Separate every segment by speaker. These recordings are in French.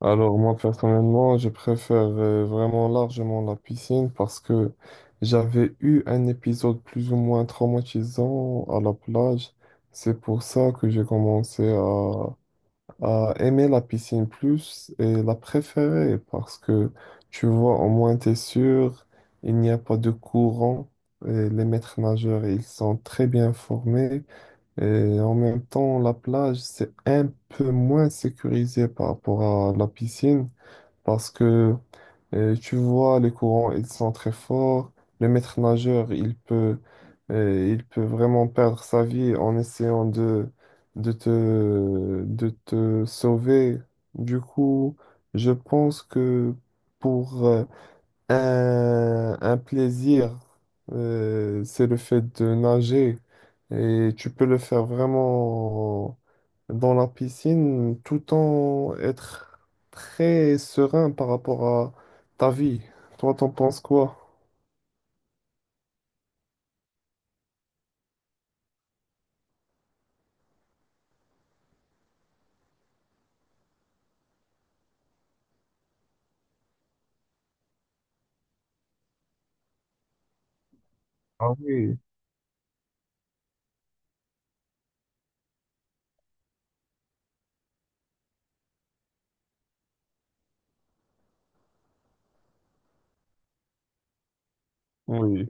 Speaker 1: Alors moi personnellement, je préfère vraiment largement la piscine parce que j'avais eu un épisode plus ou moins traumatisant à la plage. C'est pour ça que à aimer la piscine plus et la préférer parce que tu vois, au moins t'es sûr, il n'y a pas de courant. Et les maîtres nageurs, ils sont très bien formés. Et en même temps, la plage, c'est un peu moins sécurisé par rapport à la piscine. Parce que tu vois, les courants, ils sont très forts. Le maître nageur, il peut, Il peut vraiment perdre sa vie en essayant de te sauver. Du coup, je pense que pour un plaisir, c'est le fait de nager. Et tu peux le faire vraiment dans la piscine tout en être très serein par rapport à ta vie. Toi, t'en penses quoi? Ah oui, oui.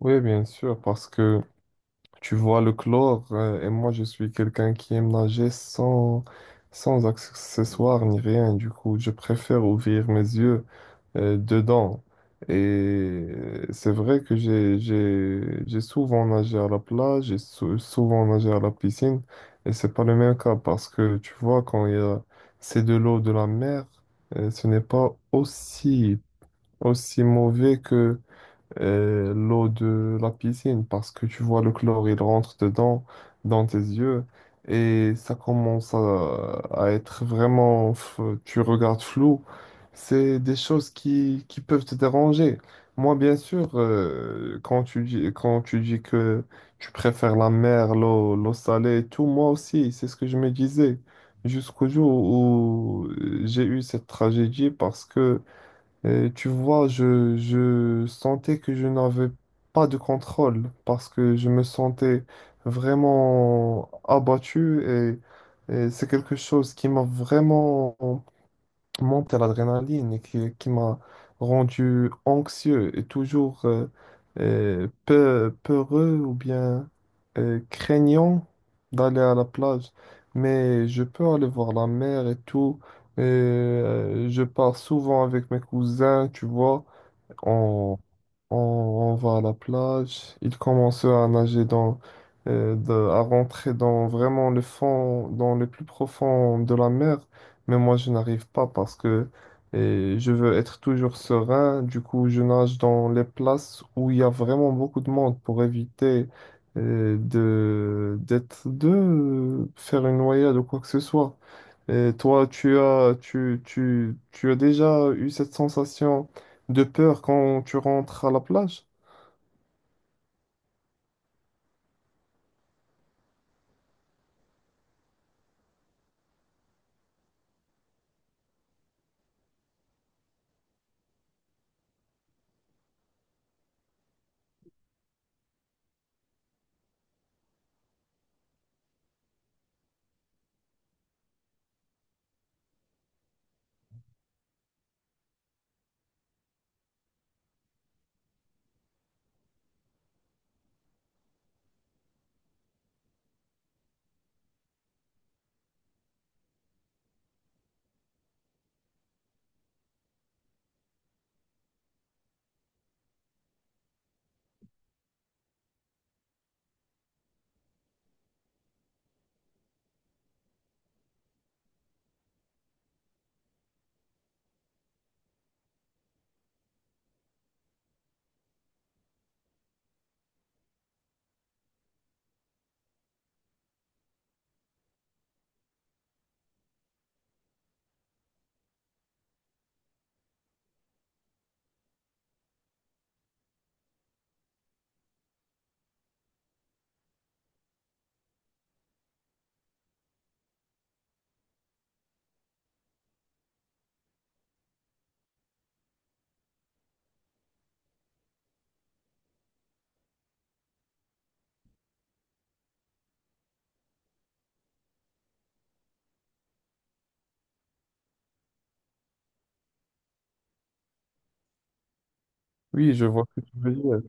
Speaker 1: Oui, bien sûr, parce que tu vois le chlore, et moi je suis quelqu'un qui aime nager sans, sans accessoires ni rien. Du coup, je préfère ouvrir mes yeux dedans. Et c'est vrai que j'ai souvent nagé à la plage, souvent nagé à la piscine. Et c'est pas le même cas parce que tu vois, quand il y a, c'est de l'eau de la mer, ce n'est pas aussi, aussi mauvais l'eau de la piscine parce que tu vois le chlore, il rentre dedans, dans tes yeux, et à être vraiment, tu regardes flou. C'est des choses qui peuvent te déranger. Moi, bien sûr, quand tu dis que tu préfères la mer, l'eau, l'eau salée et tout, moi aussi, c'est ce que je me disais. Jusqu'au jour où j'ai eu cette tragédie parce que et tu vois, je sentais que je n'avais pas de contrôle parce que je me sentais vraiment et c'est quelque chose qui m'a vraiment monter l'adrénaline et qui m'a rendu anxieux et peureux ou bien craignant d'aller à la plage. Mais je peux aller voir la mer et tout. Et, je pars souvent avec mes cousins, tu vois. On va à la plage. Ils commencent à à rentrer dans vraiment le fond, dans le plus profond de la mer. Mais moi, je n'arrive pas parce que je veux être toujours serein. Du coup, je nage dans les places où il y a vraiment beaucoup de monde pour éviter de faire une noyade ou quoi que ce soit. Et toi, tu as déjà eu cette sensation? De peur quand tu rentres à la plage? Oui, je vois ce que tu veux dire.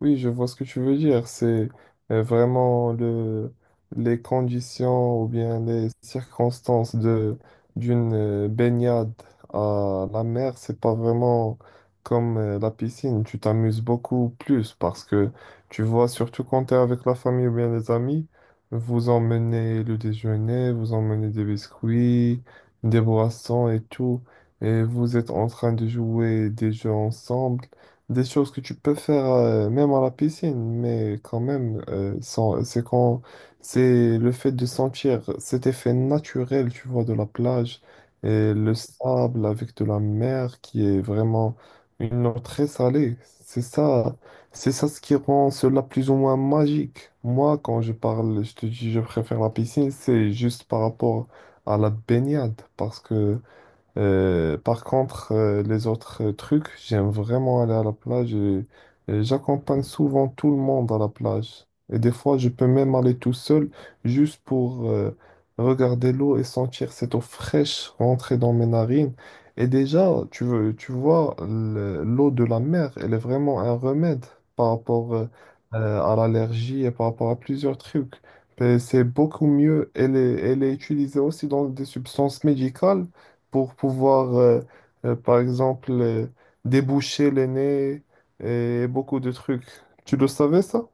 Speaker 1: Oui, je vois ce que tu veux dire. C'est euh, vraiment le, les conditions ou bien les circonstances de d'une baignade à la mer, c'est pas vraiment comme la piscine. Tu t'amuses beaucoup plus parce que tu vois, surtout quand tu es avec la famille ou bien les amis, vous emmenez le déjeuner, vous emmenez des biscuits, des boissons et tout, et vous êtes en train de jouer des jeux ensemble, des choses que tu peux faire même à la piscine, mais quand même, c'est quand c'est le fait de sentir cet effet naturel, tu vois, de la plage et le sable avec de la mer qui est vraiment une eau très salée. C'est ça ce qui rend cela plus ou moins magique. Moi, quand je parle, je te dis, je préfère la piscine, c'est juste par rapport à la baignade, parce que par contre, les autres trucs, j'aime vraiment aller à la plage, et j'accompagne souvent tout le monde à la plage. Et des fois, je peux même aller tout seul juste pour regarder l'eau et sentir cette eau fraîche rentrer dans mes narines. Et déjà, tu veux, tu vois, l'eau de la mer, elle est vraiment un remède par rapport à l'allergie et par rapport à plusieurs trucs. Et c'est beaucoup mieux. Elle est utilisée aussi dans des substances médicales pour pouvoir, par exemple, déboucher le nez et beaucoup de trucs. Tu le savais, ça?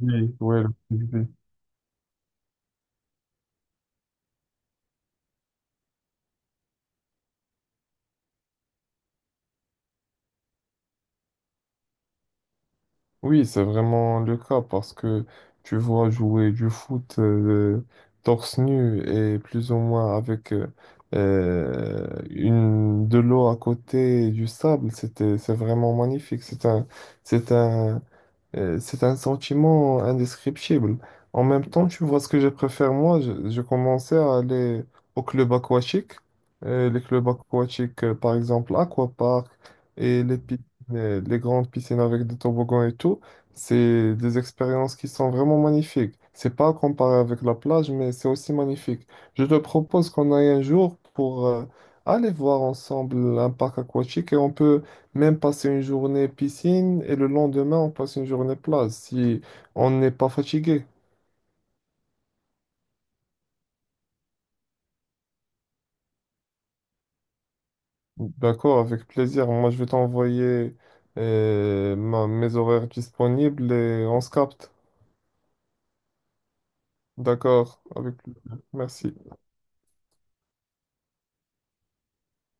Speaker 1: Oui, ouais, l'activité. Oui, c'est vraiment le cas parce que tu vois jouer du foot torse nu et plus ou moins avec de l'eau à côté et du sable, c'est vraiment magnifique. C'est un, C'est un sentiment indescriptible. En même temps, tu vois ce que je préfère, moi, je commençais à aller au club aquatique. Les clubs aquatiques, par exemple, Aquapark et les piscines, les grandes piscines avec des toboggans et tout, c'est des expériences qui sont vraiment magnifiques. C'est pas comparé avec la plage, mais c'est aussi magnifique. Je te propose qu'on aille un jour pour aller voir ensemble un parc aquatique et on peut même passer une journée piscine et le lendemain, on passe une journée plage si on n'est pas fatigué. D'accord, avec plaisir. Moi, je vais t'envoyer mes horaires disponibles et on se capte. D'accord, avec plaisir. Merci.